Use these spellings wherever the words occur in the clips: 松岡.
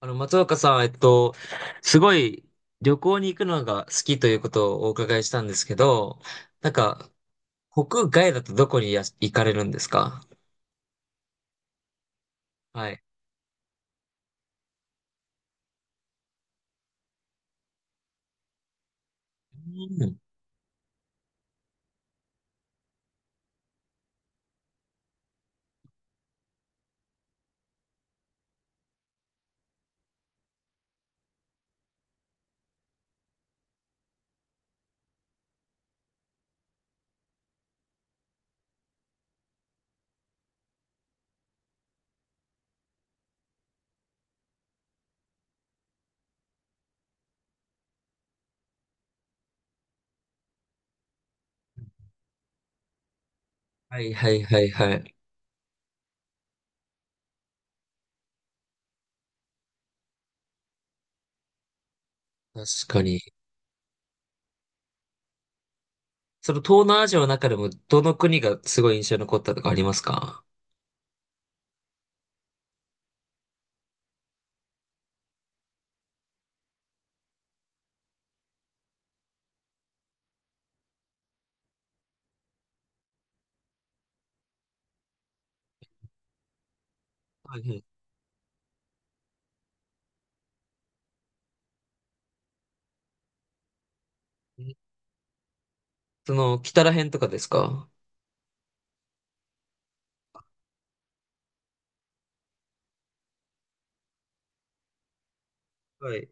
松岡さん、すごい旅行に行くのが好きということをお伺いしたんですけど、なんか、国外だとどこにや行かれるんですか？はい。うん。はいはいはいはい。確かに。その東南アジアの中でもどの国がすごい印象に残ったとかありますか？はいはい。その、北ら辺とかですか？はい。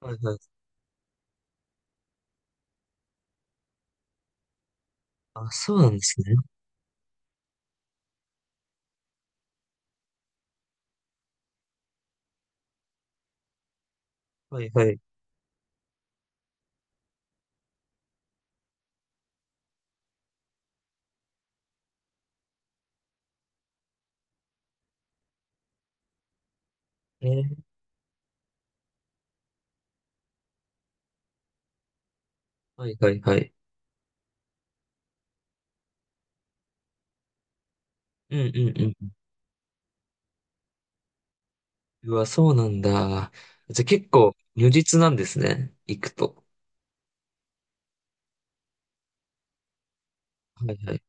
はいはい。あ、そうなんですね。はいはい。えー。はいはいはい。うんうんうん。うわ、そうなんだ。じゃあ結構如実なんですね。行くと。はいはい。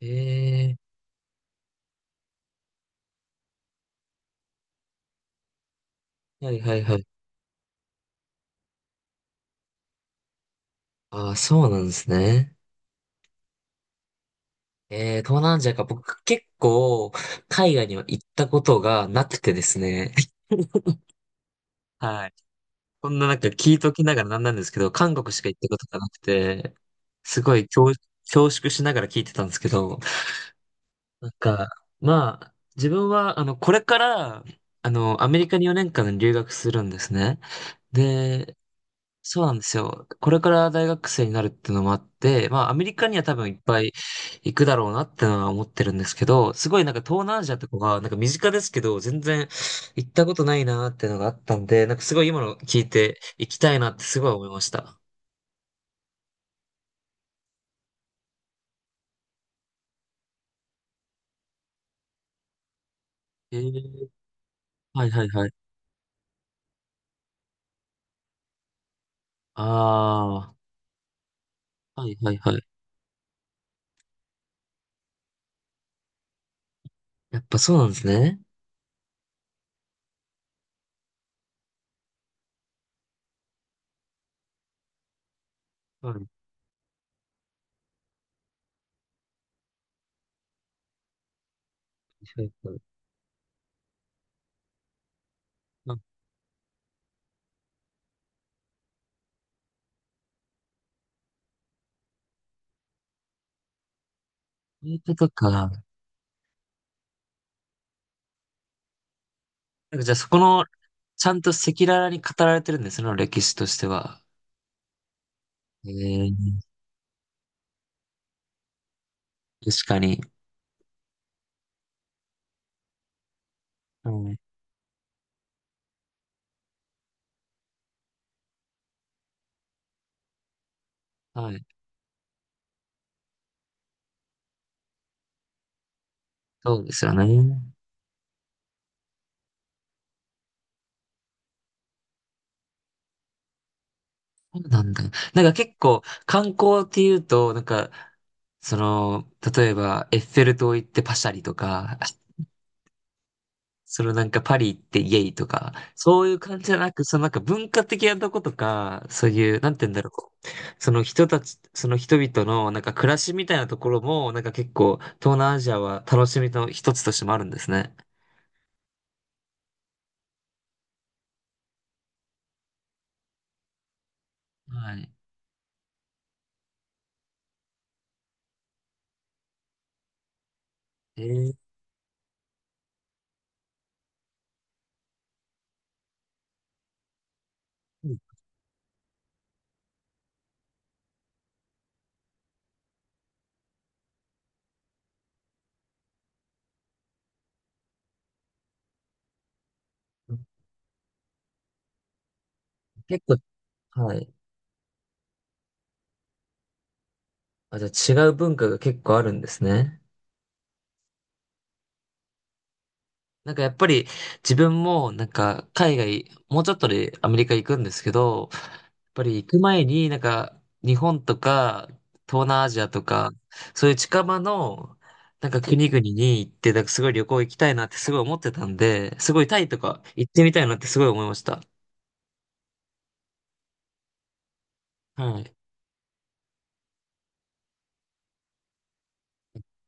えー、はいはいはい。ああ、そうなんですね。えー、東南アジアか。僕結構海外には行ったことがなくてですね。はい。こんななんか聞いときながらなんなんですけど、韓国しか行ったことがなくて、すごい恐、恐縮しながら聞いてたんですけど、なんか、まあ、自分は、これから、アメリカに4年間留学するんですね。で、そうなんですよ。これから大学生になるっていうのもあって、まあ、アメリカには多分いっぱい行くだろうなってのは思ってるんですけど、すごいなんか東南アジアとかが、なんか身近ですけど、全然行ったことないなっていうのがあったんで、なんかすごい今の聞いて行きたいなってすごい思いました。えー、はいはいはい。ああ、はいはいはい。やっぱそうなんですね。はいはいはい。あそうことか。なんかじゃあそこの、ちゃんと赤裸々に語られてるんですね、その歴史としては。ええ、確かに。うん。はい。そうですよね。そうなんだ。なんか結構、観光っていうと、なんか、その、例えば、エッフェル塔行ってパシャリとか、そのなんかパリ行ってイエイとか、そういう感じじゃなく、そのなんか文化的なとことか、そういう、なんて言うんだろう。その人たち、その人々のなんか暮らしみたいなところも、なんか結構東南アジアは楽しみの一つとしてもあるんですね。はい。えー、結構、はい。あ、じゃあ違う文化が結構あるんですね。なんかやっぱり自分もなんか海外、もうちょっとでアメリカ行くんですけど、やっぱり行く前になんか日本とか東南アジアとか、そういう近場のなんか国々に行って、なんかすごい旅行行きたいなってすごい思ってたんで、すごいタイとか行ってみたいなってすごい思いました。はい。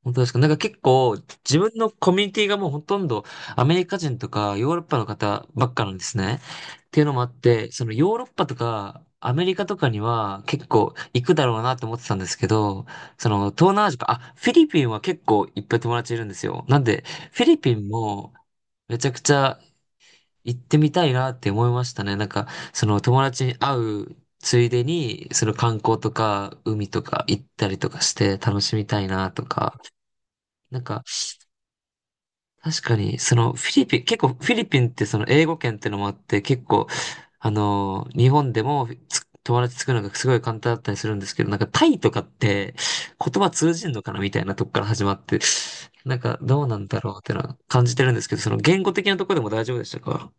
本当ですか？なんか結構自分のコミュニティがもうほとんどアメリカ人とかヨーロッパの方ばっかなんですね。っていうのもあって、そのヨーロッパとかアメリカとかには結構行くだろうなと思ってたんですけど、その東南アジアか、あ、フィリピンは結構いっぱい友達いるんですよ。なんでフィリピンもめちゃくちゃ行ってみたいなって思いましたね。なんかその友達に会うついでにその観光とか海とか行ったりとかして楽しみたいなとか。なんか確かに、そのフィリピン、結構フィリピンってその英語圏ってのもあって、結構、日本でもつ友達作るのがすごい簡単だったりするんですけど、なんかタイとかって言葉通じんのかなみたいなとこから始まって、なんかどうなんだろうってのは感じてるんですけど、その言語的なところでも大丈夫でしたか？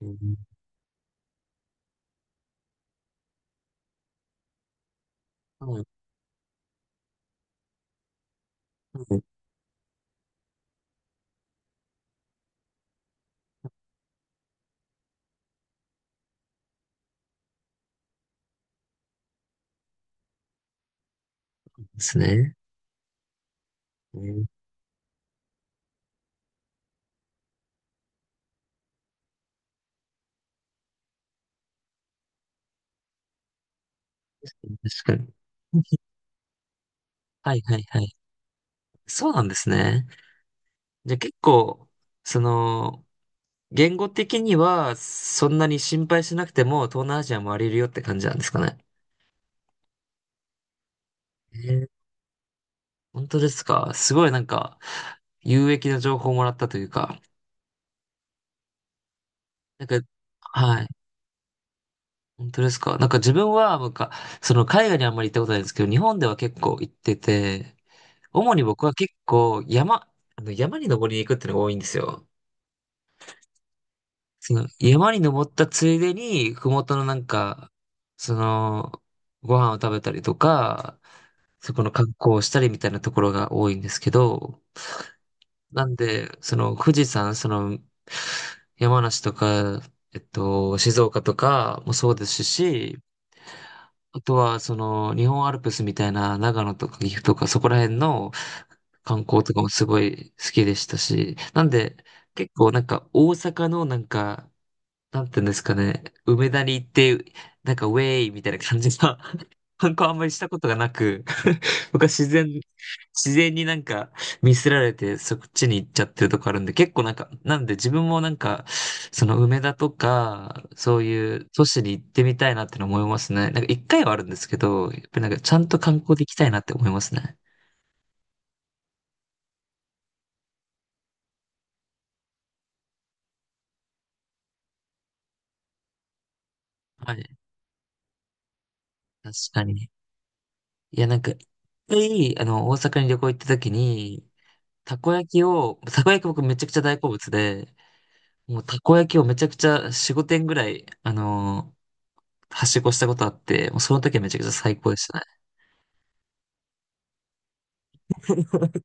うん。そうなんですね。うん。確かに。はいはいはい。そうなんですね。じゃあ結構、その、言語的には、そんなに心配しなくても、東南アジア回れるよって感じなんですかね。えー。本当ですか？すごいなんか、有益な情報をもらったというか、なんか、はい。本当ですか？なんか自分は、なんか、その海外にあんまり行ったことないんですけど、日本では結構行ってて、主に僕は結構山、あの山に登りに行くっていうのが多いんですよ。その山に登ったついでに、ふもとのなんか、その、ご飯を食べたりとか、そこの観光をしたりみたいなところが多いんですけど、なんで、その富士山、その山梨とか、静岡とかもそうですし、あとはその日本アルプスみたいな長野とか岐阜とかそこら辺の観光とかもすごい好きでしたし、なんで結構なんか大阪のなんかなんていうんですかね、梅田に行って、なんかウェイみたいな感じの 観光あんまりしたことがなく 僕は自然になんかミスられてそっちに行っちゃってるとこあるんで、結構なんか、なんで自分もなんか、その梅田とか、そういう都市に行ってみたいなっての思いますね。なんか一回はあるんですけど、やっぱりなんかちゃんと観光で行きたいなって思いますね。はい、確かに。いや、なんか、一回、大阪に旅行行った時に、たこ焼き僕めちゃくちゃ大好物で、もうたこ焼きをめちゃくちゃ4、5点ぐらい、はしごしたことあって、もうその時はめちゃくちゃ最高でしたね。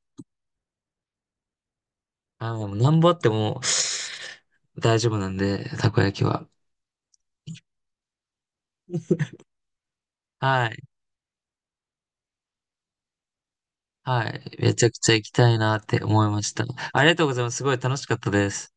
あー、もうなんぼあっても大丈夫なんで、たこ焼きは。はい。はい。めちゃくちゃ行きたいなって思いました。ありがとうございます。すごい楽しかったです。